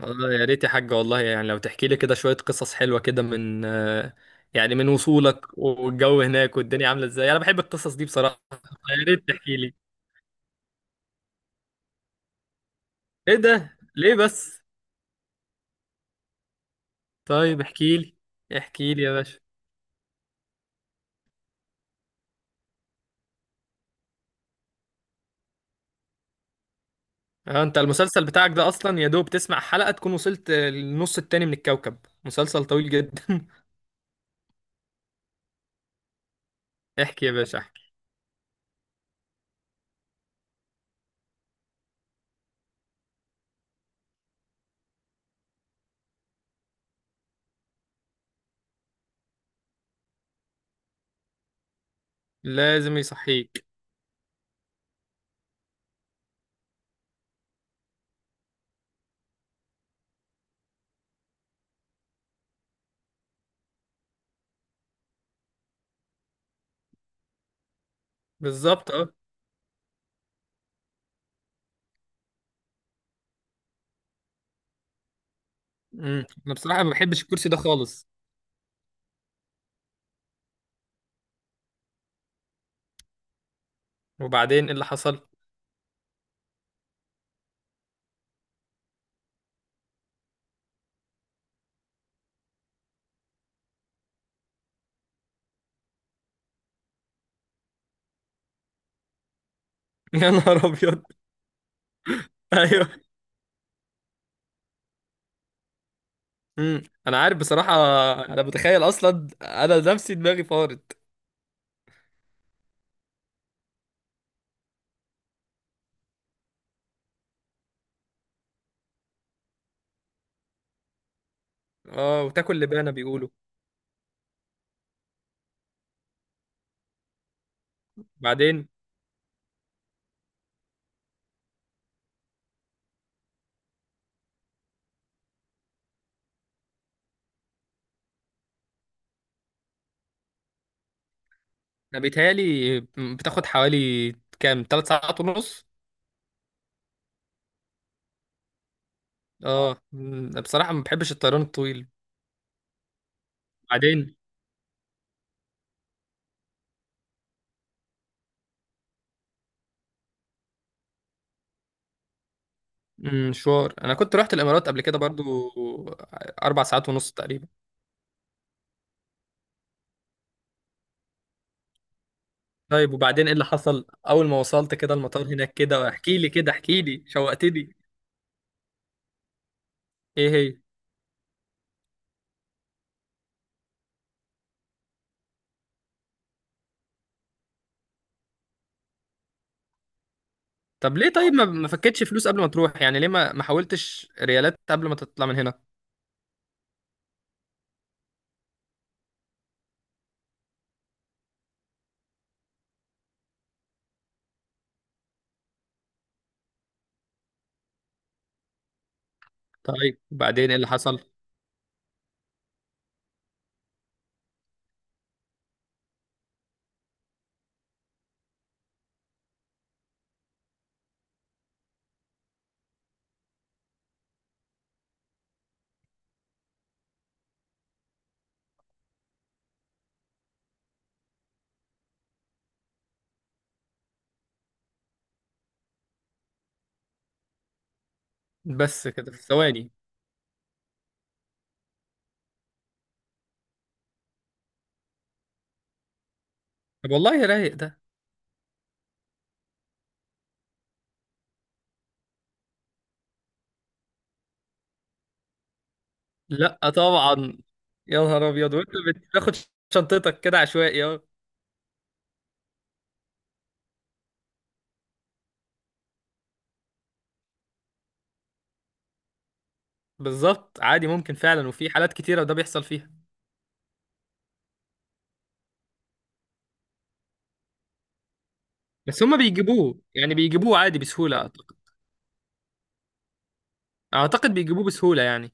اه، يا ريت يا حاج، والله يعني لو تحكي لي كده شوية قصص حلوة كده من يعني من وصولك والجو هناك والدنيا عاملة ازاي. انا بحب القصص دي بصراحة. يا ريت تحكي لي. ايه ده ليه بس؟ طيب احكي لي. احكي لي يا باشا. اه، انت المسلسل بتاعك ده اصلا يا دوب تسمع حلقة تكون وصلت للنص التاني من الكوكب. مسلسل طويل جدا. احكي يا باشا احكي. لازم يصحيك. بالظبط، اه. مم. انا بصراحة ما بحبش الكرسي ده خالص. وبعدين ايه اللي حصل؟ يا نهار ابيض. ايوه. امم انا عارف بصراحه. انا متخيل اصلا، انا نفسي دماغي فارت. اه، وتاكل لبانه بيقولوا. بعدين، انا بيتهيألي بتاخد حوالي كام، 3 ساعات ونص؟ اه، بصراحه ما بحبش الطيران الطويل. بعدين. مشوار، انا كنت رحت الامارات قبل كده برضو، 4 ساعات ونص تقريبا. طيب وبعدين ايه اللي حصل اول ما وصلت كده المطار هناك كده؟ واحكي لي كده، احكي لي، شوقتني. ايه هي؟ طب ليه؟ طيب ما فكتش فلوس قبل ما تروح؟ يعني ليه ما حاولتش ريالات قبل ما تطلع من هنا؟ طيب وبعدين ايه اللي حصل؟ بس كده في ثواني؟ طب والله رايق ده. لا طبعا. يا نهار ابيض، وانت بتاخد شنطتك كده عشوائي؟ اه. بالظبط، عادي ممكن فعلا، وفي حالات كتيره ده بيحصل فيها. بس هما بيجيبوه، يعني بيجيبوه عادي بسهوله اعتقد. اعتقد بيجيبوه بسهوله يعني.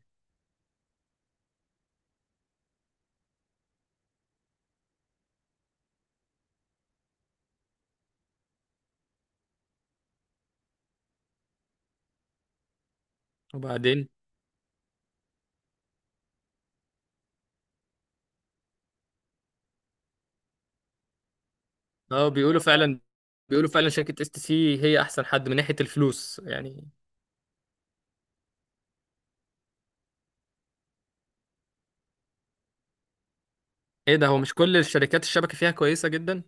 وبعدين. اه، بيقولوا فعلا. بيقولوا فعلا شركه STC هي احسن حد من ناحيه الفلوس يعني. ايه ده، هو مش كل الشركات الشبكه فيها كويسه جدا؟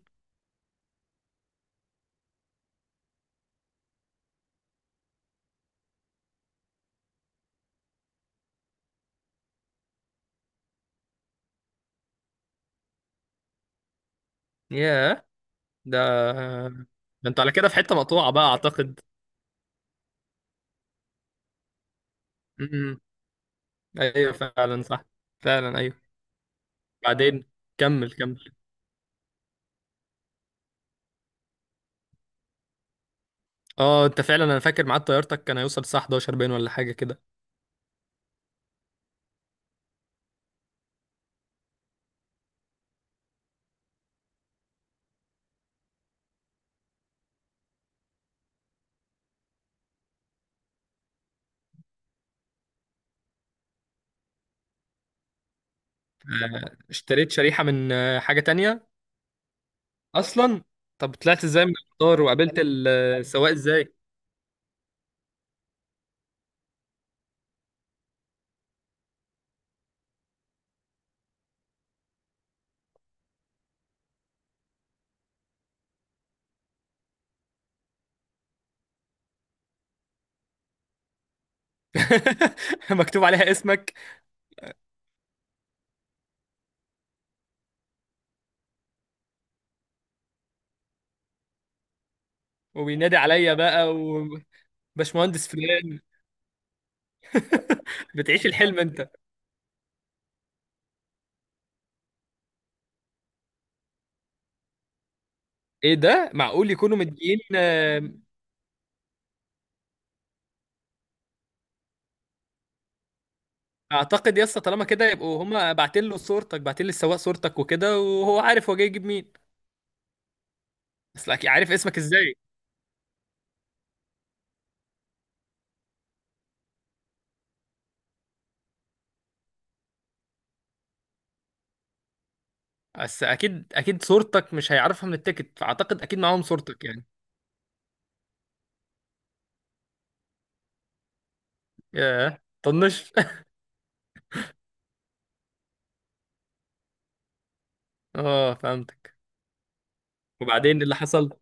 ياه. ده ده انتوا على كده في حته مقطوعه بقى اعتقد. امم. ايوه فعلا صح. فعلا ايوه. بعدين. كمل كمل. اه، انت فعلا. انا فاكر ميعاد طيارتك كان هيوصل الساعه 11 باين ولا حاجه كده. اشتريت شريحه من حاجه تانية اصلا؟ طب طلعت ازاي من القطار وقابلت السواق ازاي؟ مكتوب عليها اسمك؟ وبينادي عليا بقى، وباشمهندس فلان؟ بتعيش الحلم انت. ايه ده، معقول يكونوا مدين؟ اعتقد يا اسطى، طالما كده يبقوا هما باعتين له صورتك، باعتين للسواق صورتك وكده، وهو عارف هو جاي يجيب مين. بس اكيد عارف اسمك ازاي. بس اكيد اكيد صورتك مش هيعرفها من التيكت، فاعتقد اكيد معاهم صورتك يعني. ياه. طنش. اه، فهمتك. وبعدين إيه اللي حصل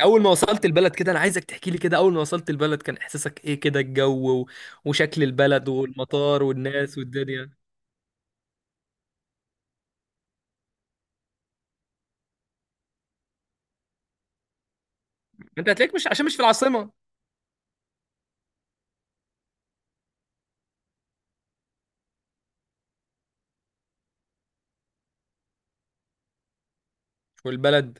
اول ما وصلت البلد كده؟ انا عايزك تحكي لي كده، اول ما وصلت البلد كان احساسك ايه كده؟ الجو وشكل البلد والمطار والناس والدنيا. انت هتلاقيك مش عشان مش في العاصمة. والبلد؟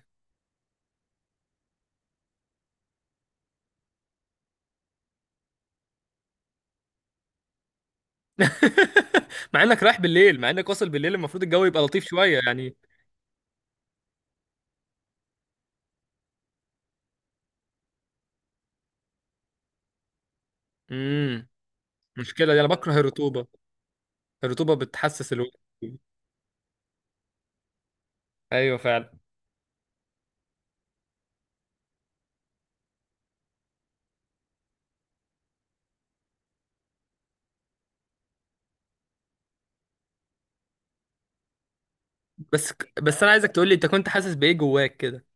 مع انك رايح بالليل، مع انك واصل بالليل المفروض الجو يبقى لطيف شويه يعني. امم مشكله دي، انا بكره الرطوبه. الرطوبه بتحسس الوقت. ايوه فعلا. بس بس انا عايزك تقول لي انت كنت حاسس بايه جواك كده.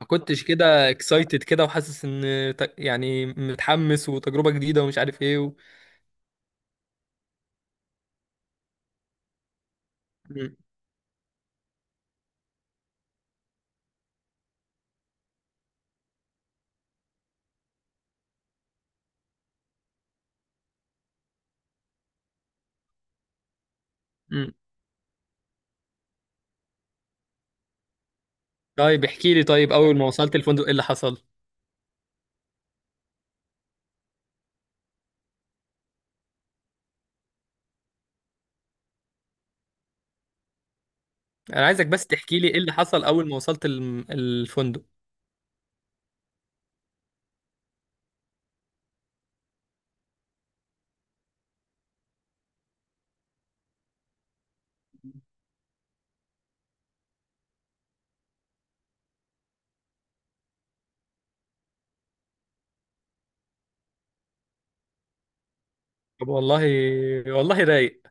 ما كنتش كده اكسايتد كده وحاسس ان، يعني متحمس وتجربه جديده ومش عارف ايه مم. مم. طيب احكي لي. طيب اول ما وصلت الفندق ايه اللي حصل؟ انا عايزك بس تحكي لي ايه اللي حصل اول ما وصلت الفندق. طب والله. والله رايق.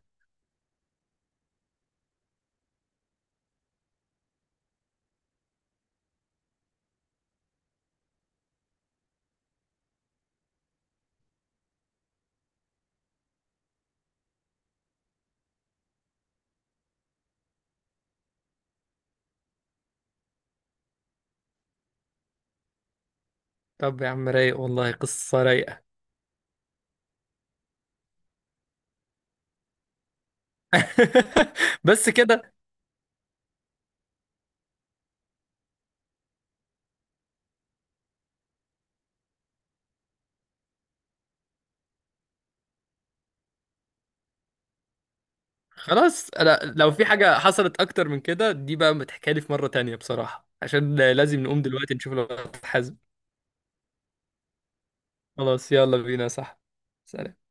طب يا عم رايق والله، قصه رايقه. بس كده. خلاص، انا لو في حاجة حصلت اكتر من كده دي بقى متحكالي في مرة تانية بصراحة، عشان لازم نقوم دلوقتي نشوف لو حازم. خلاص يلا بينا، صح؟ سلام.